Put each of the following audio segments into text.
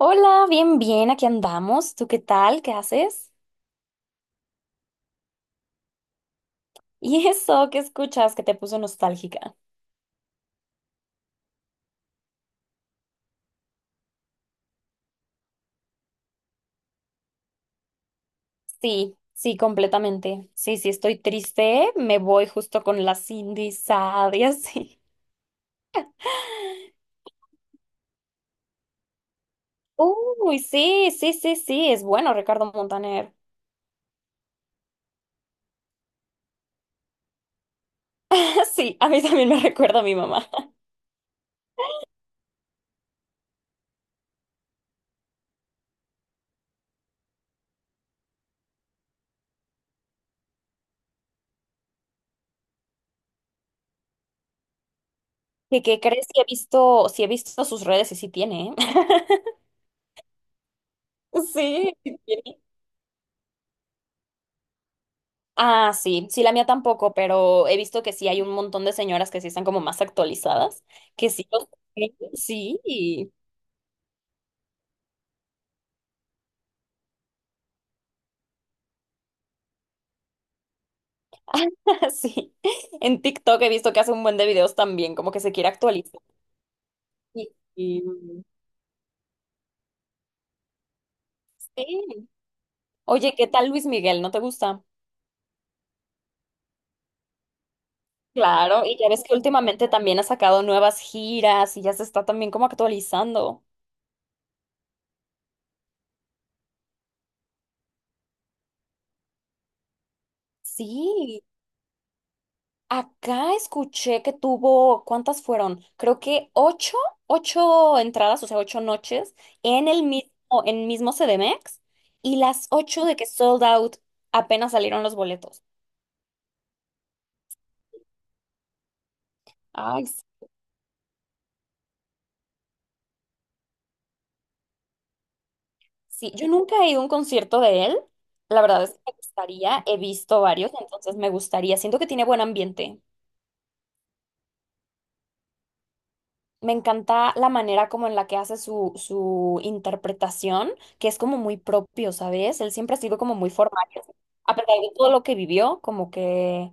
Hola, bien, bien, aquí andamos. ¿Tú qué tal? ¿Qué haces? ¿Y eso qué escuchas que te puso nostálgica? Sí, sí, completamente. Sí, sí, estoy triste. Me voy justo con la Cindy Sad y así. Uy, sí, sí, sí, sí, es bueno Ricardo Montaner. Sí, a mí también me recuerda a mi mamá. ¿Qué crees que he visto? Si he visto sus redes y sí tiene, ¿eh? Sí, sí tiene. Ah, sí, sí, la mía tampoco, pero he visto que sí hay un montón de señoras que sí están como más actualizadas, que sí los... Sí, sí. En TikTok he visto que hace un buen de videos también, como que se quiere actualizar. Y, y- mm, Sí. Oye, ¿qué tal Luis Miguel? ¿No te gusta? Claro, y ya ves que últimamente también ha sacado nuevas giras y ya se está también como actualizando. Sí. Acá escuché que tuvo, ¿cuántas fueron? Creo que ocho entradas, o sea, ocho noches en el mismo, en mismo CDMX y las ocho de que sold out apenas salieron los boletos. Ay, sí. Sí, yo nunca he ido a un concierto de él. La verdad es que me gustaría, he visto varios, entonces me gustaría. Siento que tiene buen ambiente. Me encanta la manera como en la que hace su interpretación, que es como muy propio, ¿sabes? Él siempre ha sido como muy formal, a pesar de todo lo que vivió, como que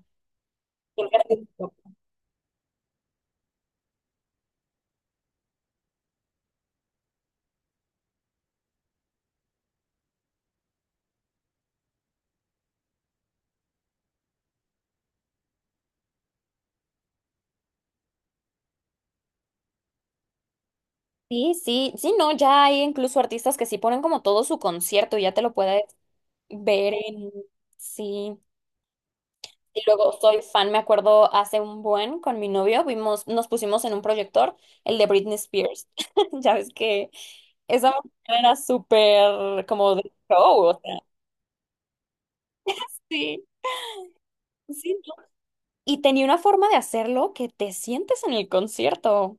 siempre ha sido propio. Sí, sí, sí, no, ya hay incluso artistas que sí ponen como todo su concierto y ya te lo puedes ver en... Sí. Y luego soy fan, me acuerdo hace un buen con mi novio, vimos, nos pusimos en un proyector el de Britney Spears. Ya ves que esa mujer era súper como de show, o sea, sí, sí, ¿no? Y tenía una forma de hacerlo que te sientes en el concierto.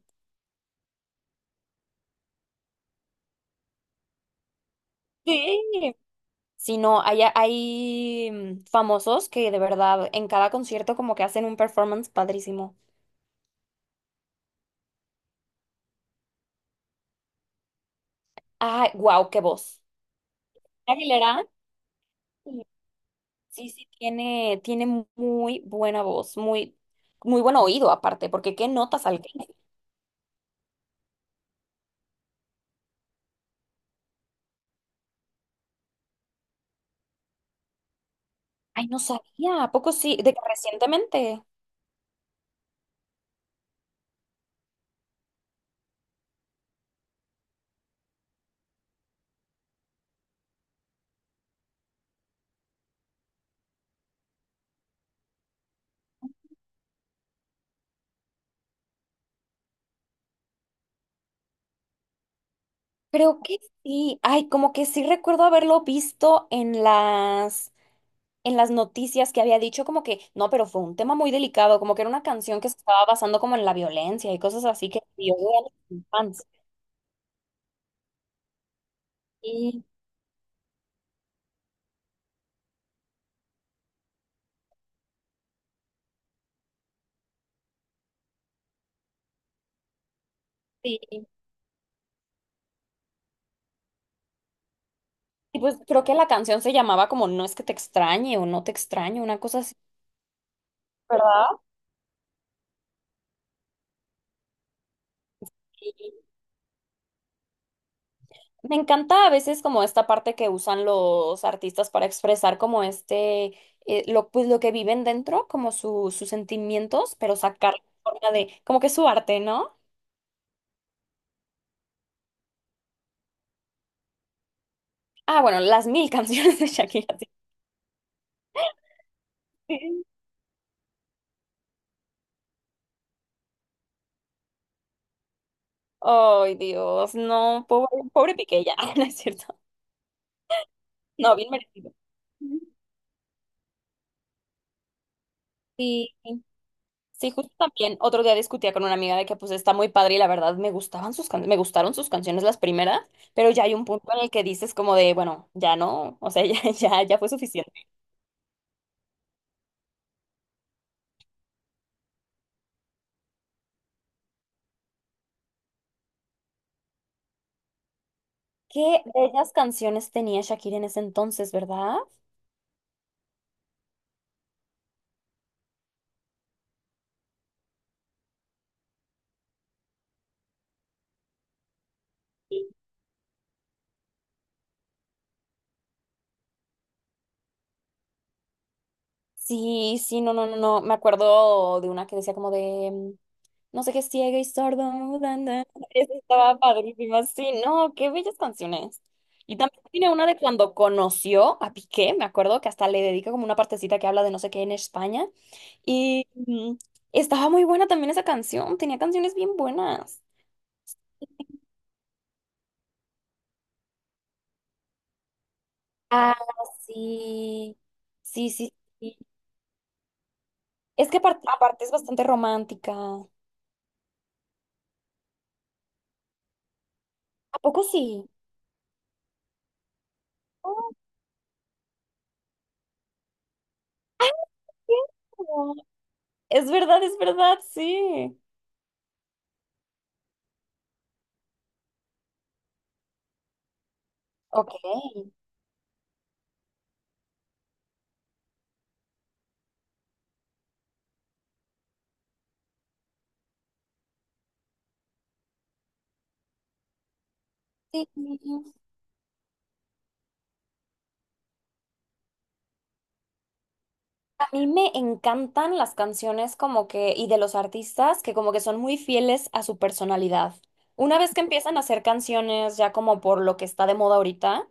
Sí. Si no, hay famosos que de verdad en cada concierto como que hacen un performance padrísimo. Ay, wow, qué voz. Aguilera. Sí, sí, tiene muy buena voz, muy buen oído aparte, porque qué notas alcanza. Ay, no sabía, ¿a poco sí? De que recientemente. Creo que sí. Ay, como que sí recuerdo haberlo visto en en las noticias que había dicho como que, no, pero fue un tema muy delicado, como que era una canción que se estaba basando como en la violencia y cosas así que dio de la infancia. Y sí. Y pues creo que la canción se llamaba como No es que te extrañe o No te extraño, una cosa así, ¿verdad? Me encanta a veces como esta parte que usan los artistas para expresar como este, lo, pues lo que viven dentro, como sus sentimientos, pero sacar forma de, como que su arte, ¿no? Ah, bueno, las mil canciones de Shakira. Sí. Sí. Ay, Dios, no, pobre, pobre Piqué ya, no es cierto. No, bien merecido. Sí. Sí, justo también otro día discutía con una amiga de que pues está muy padre y la verdad me gustaron sus canciones las primeras, pero ya hay un punto en el que dices como de, bueno, ya no, o sea, ya fue suficiente. ¿Qué bellas canciones tenía Shakira en ese entonces, verdad? Sí, sí, no, no, no, no, me acuerdo de una que decía como de No sé qué es ciega y sordo. Dan, dan. Esa estaba padrísima. Sí, no, qué bellas canciones. Y también tiene una de cuando conoció a Piqué, me acuerdo que hasta le dedica como una partecita que habla de no sé qué en España. Y mm, Estaba muy buena también esa canción, tenía canciones bien buenas. Ah, sí. Sí, sí, sí. Es que aparte es bastante romántica. ¿A poco sí? Oh, ah, cierto. Es verdad, sí. Ok. Sí. A mí me encantan las canciones como que, y de los artistas que como que son muy fieles a su personalidad. Una vez que empiezan a hacer canciones ya como por lo que está de moda ahorita,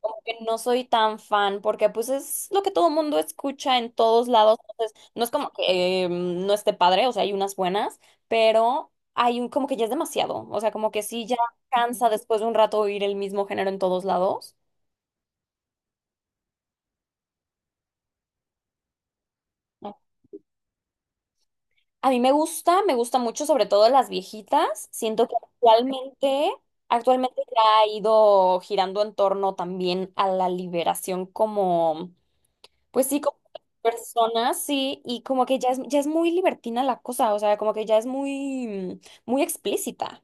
como que no soy tan fan porque pues es lo que todo el mundo escucha en todos lados. Entonces, no es como que no esté padre, o sea, hay unas buenas, pero hay un como que ya es demasiado. O sea, como que sí ya cansa después de un rato oír el mismo género en todos lados. A mí me gusta mucho, sobre todo las viejitas. Siento que actualmente ya ha ido girando en torno también a la liberación como, pues sí, como personas, sí, y como que ya es muy libertina la cosa, o sea, como que ya es muy explícita.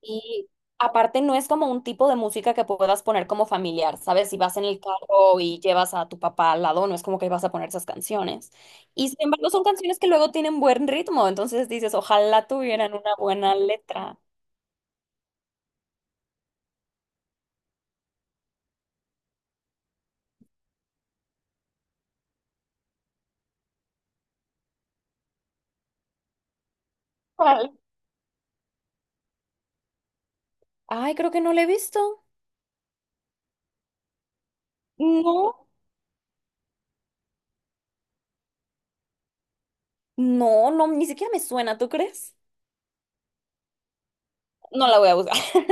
Y aparte no es como un tipo de música que puedas poner como familiar, ¿sabes? Si vas en el carro y llevas a tu papá al lado, no es como que vas a poner esas canciones. Y sin embargo son canciones que luego tienen buen ritmo, entonces dices, ojalá tuvieran una buena letra. ¿Cuál? Ay, creo que no la he visto. No, no, no, ni siquiera me suena, ¿tú crees? No la voy a buscar.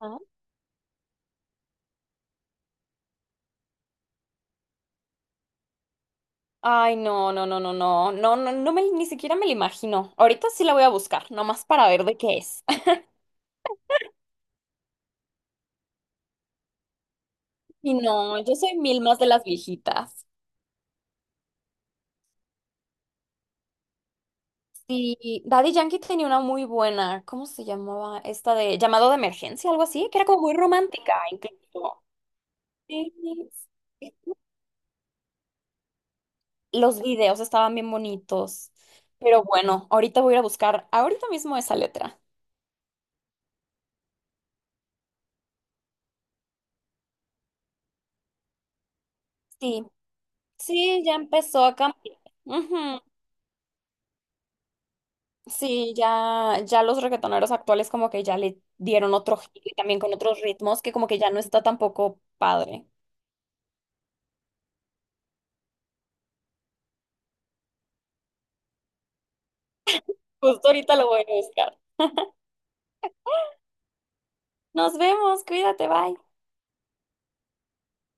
Ah. Ay, no, no, no, no, no, no, no, no me, ni siquiera me la imagino. Ahorita sí la voy a buscar, nomás para ver de qué es. Y no, yo soy mil más de las viejitas. Sí, Daddy Yankee tenía una muy buena, ¿cómo se llamaba? Esta de llamado de emergencia, algo así, que era como muy romántica, incluso. Sí. Los videos estaban bien bonitos. Pero bueno, ahorita voy a ir a buscar ahorita mismo esa letra. Sí, sí, ya empezó a cambiar. Ujú. Sí, ya, ya los reggaetoneros actuales como que ya le dieron otro giro y también con otros ritmos que como que ya no está tampoco padre. Justo ahorita lo voy a buscar. Nos vemos, cuídate, bye.